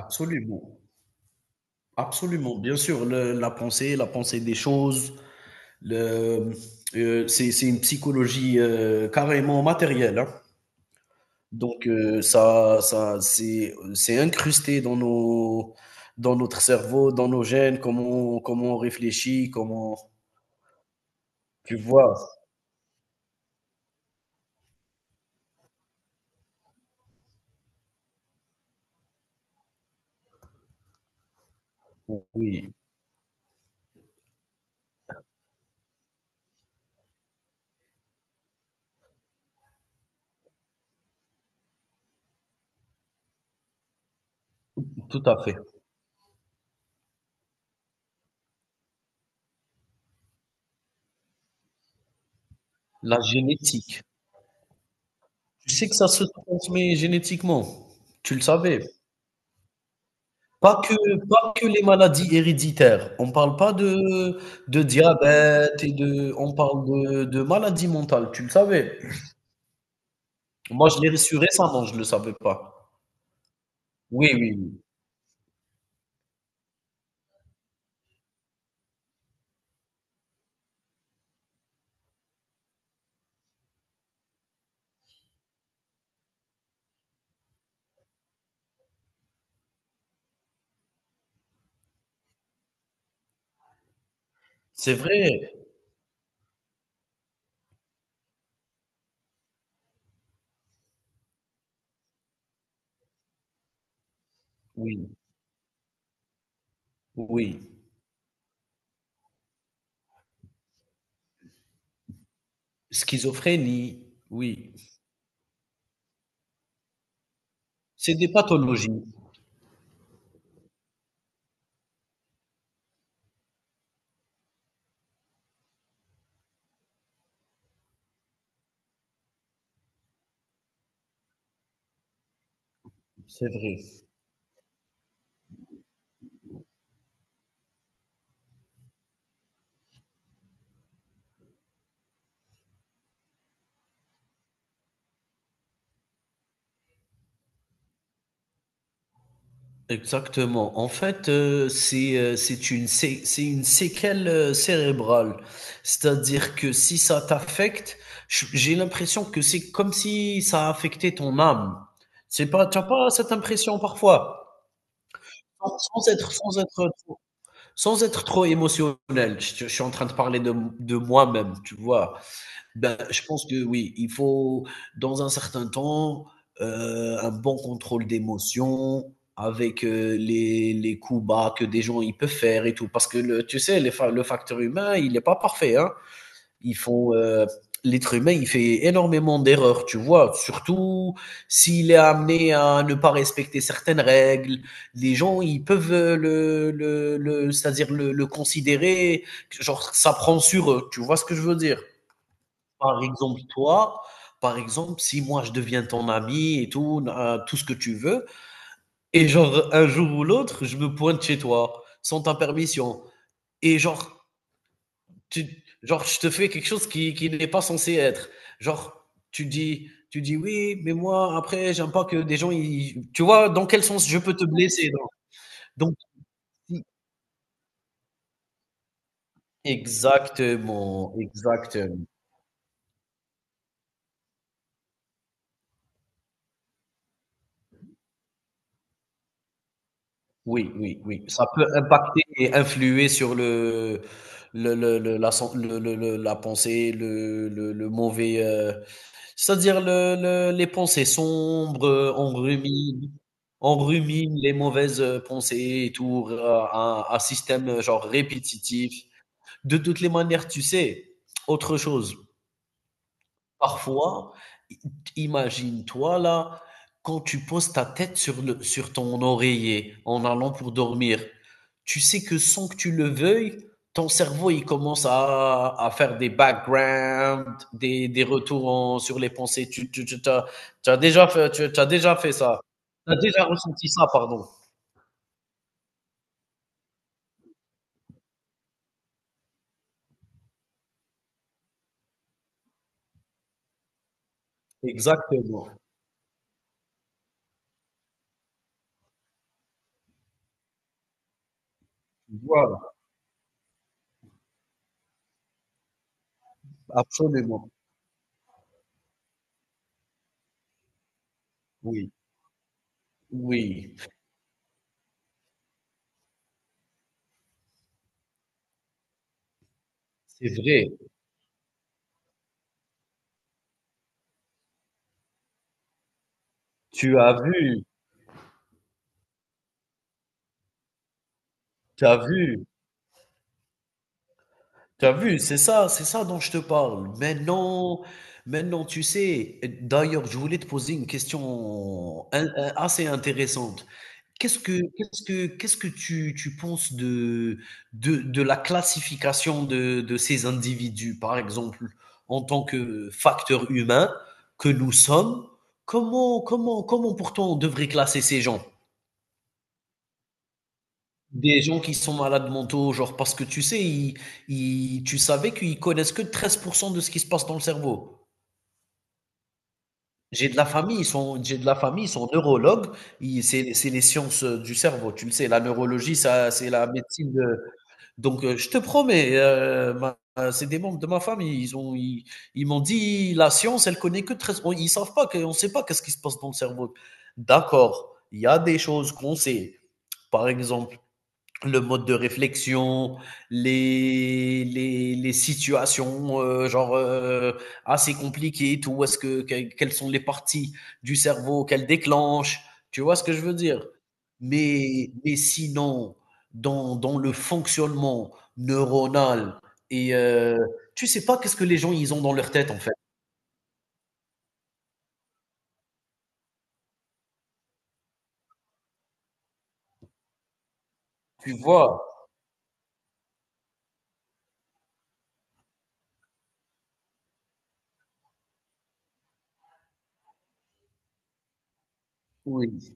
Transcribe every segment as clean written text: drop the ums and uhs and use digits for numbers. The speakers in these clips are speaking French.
Absolument, absolument. Bien sûr, la pensée des choses, le, c'est une psychologie carrément matérielle. Hein. Donc ça, c'est incrusté dans dans notre cerveau, dans nos gènes, comment on réfléchit, tu vois. Oui, tout à fait. La génétique. Tu sais que ça se transmet génétiquement. Tu le savais. Pas que pas que les maladies héréditaires. On parle pas de diabète et de on parle de maladies mentales, tu le savais? Moi, je l'ai su récemment, je ne le savais pas. Oui, oui, oui. C'est vrai. Oui, oui. Schizophrénie, oui. C'est des pathologies, c'est vrai. Exactement. En fait, c'est une séquelle cérébrale. C'est-à-dire que si ça t'affecte, j'ai l'impression que c'est comme si ça affectait ton âme. C'est pas, t'as pas cette impression parfois, sans, sans être sans être trop, sans être trop émotionnel. Je suis en train de parler de moi-même, tu vois. Ben, je pense que oui, il faut, dans un certain temps, un bon contrôle d'émotion avec les coups bas que des gens ils peuvent faire et tout. Parce que tu sais, le facteur humain, il n'est pas parfait. Hein. Ils font, euh, l'être humain, il fait énormément d'erreurs, tu vois. Surtout s'il est amené à ne pas respecter certaines règles. Les gens, ils peuvent c'est-à-dire le considérer, genre, ça prend sur eux. Tu vois ce que je veux dire? Par exemple, toi, par exemple, si moi je deviens ton ami et tout, tout ce que tu veux, et genre un jour ou l'autre, je me pointe chez toi sans ta permission, et tu, genre je te fais quelque chose qui n'est pas censé être. Genre, tu dis oui, mais moi après, j'aime pas que des gens, tu vois, dans quel sens je peux te blesser. Donc, si- Exactement, exactement. Oui, oui, oui. Ça peut impacter et influer sur le la sen le la pensée, le mauvais, c'est-à-dire le les pensées sombres, on rumine les mauvaises, pensées et tout, r un système, genre répétitif. De toutes les manières, tu sais, autre chose. Parfois, i imagine-toi là, quand tu poses ta tête sur le sur ton oreiller en allant pour dormir, tu sais que sans que tu le veuilles, ton cerveau, il commence à faire des backgrounds, des retours en sur les pensées. Tu as déjà fait ça? Tu as déjà ressenti ça, pardon. Exactement, voilà, absolument. Oui, oui, c'est vrai. Tu as vu, tu as vu. T'as vu? C'est ça dont je te parle. Maintenant, maintenant, tu sais, d'ailleurs, je voulais te poser une question assez intéressante. Qu'est-ce que tu penses de la classification de ces individus, par exemple, en tant que facteur humain que nous sommes? Comment pourtant on devrait classer ces gens? Des gens qui sont malades mentaux, genre, parce que tu sais, tu savais qu'ils connaissent que 13% de ce qui se passe dans le cerveau. J'ai de la famille, ils sont neurologues, c'est les sciences du cerveau, tu le sais, la neurologie, ça, c'est la médecine de. Donc, je te promets, c'est des membres de ma famille, ils m'ont dit, la science, elle connaît que ils savent pas, on sait pas qu'est-ce qui se passe dans le cerveau. D'accord, il y a des choses qu'on sait. Par exemple, le mode de réflexion, les situations assez compliquées tout, quelles sont les parties du cerveau qu'elles déclenchent, tu vois ce que je veux dire? Mais sinon, dans le fonctionnement neuronal et tu sais pas qu'est-ce que les gens ils ont dans leur tête en fait, tu vois? Oui,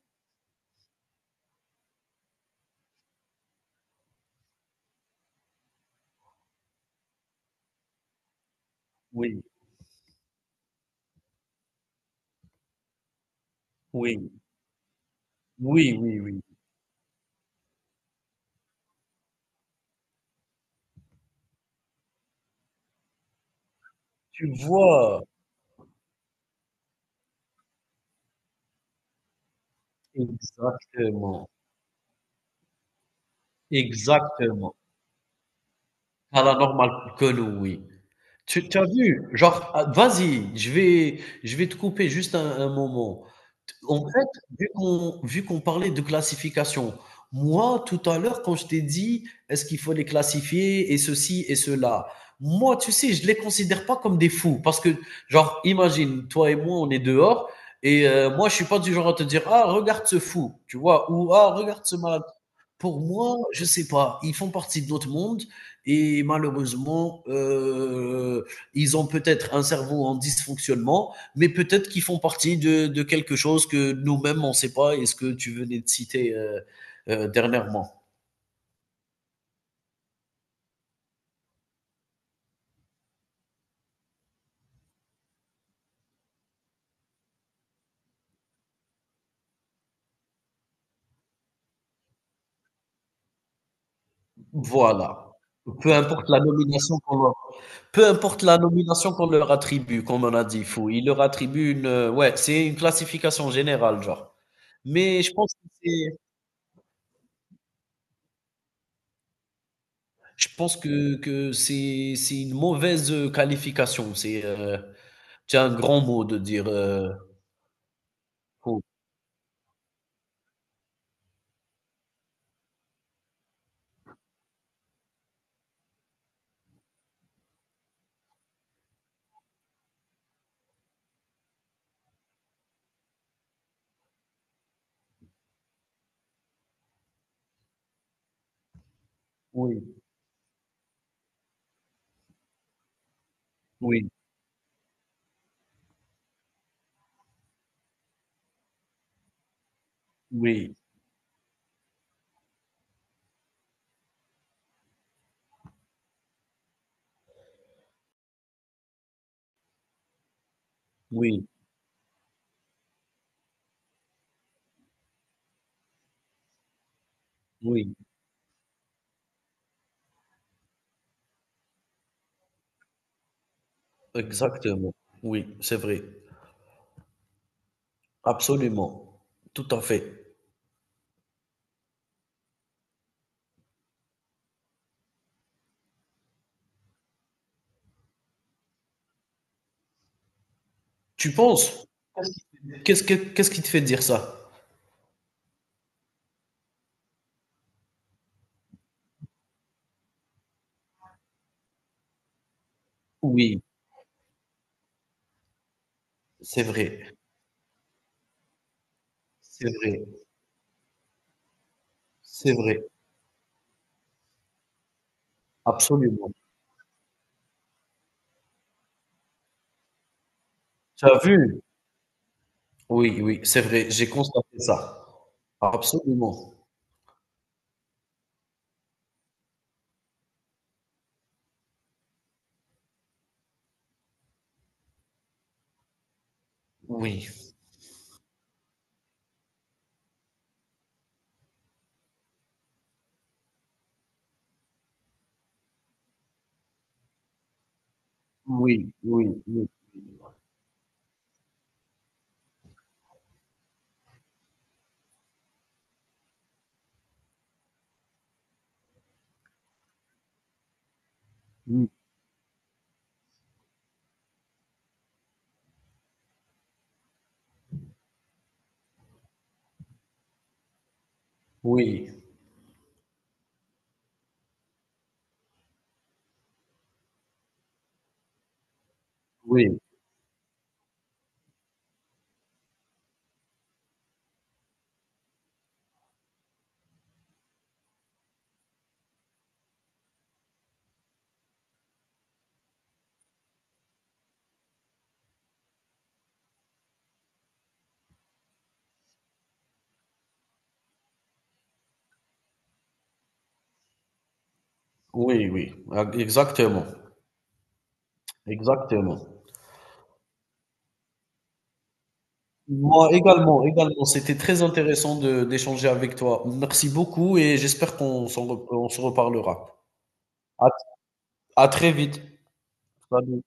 oui, oui, oui, oui, oui, tu vois? Exactement, exactement. Paranormal Connery. Tu as vu? Genre, ah, vas-y, je vais te couper juste un moment. T en fait, vu qu'on parlait de classification, moi, tout à l'heure, quand je t'ai dit: «Est-ce qu'il faut les classifier et ceci et cela?» moi, tu sais, je les considère pas comme des fous parce que, genre, imagine, toi et moi, on est dehors et moi, je suis pas du genre à te dire: «Ah, regarde ce fou», tu vois? Ou: «Ah, regarde ce malade». Pour moi, je sais pas, ils font partie de notre monde et malheureusement, ils ont peut-être un cerveau en dysfonctionnement, mais peut-être qu'ils font partie de quelque chose que nous-mêmes, on ne sait pas. Est-ce que tu venais de citer dernièrement. Voilà. Peu importe la nomination qu'on leur, peu importe la nomination qu'on leur attribue, comme on a dit, fou. Ils leur attribuent une, ouais, c'est une classification générale, genre. Mais je pense que c'est, je pense que c'est une mauvaise qualification. C'est un grand mot de dire, oh, oui, oui, oui, oui, oui, exactement. Oui, c'est vrai. Absolument. Tout à fait. Tu penses? Qu'est-ce qui te fait dire ça? Oui, c'est vrai, c'est vrai, c'est vrai, absolument. Tu as vu? Oui, oui, c'est vrai, j'ai constaté ça. Absolument. Oui, oui, oui, oui, oui, oui, oui, oui, oui, ah, exactement, exactement. Moi également, également. C'était très intéressant de d'échanger avec toi. Merci beaucoup et j'espère qu'on on se reparlera. À, à très vite. Salut.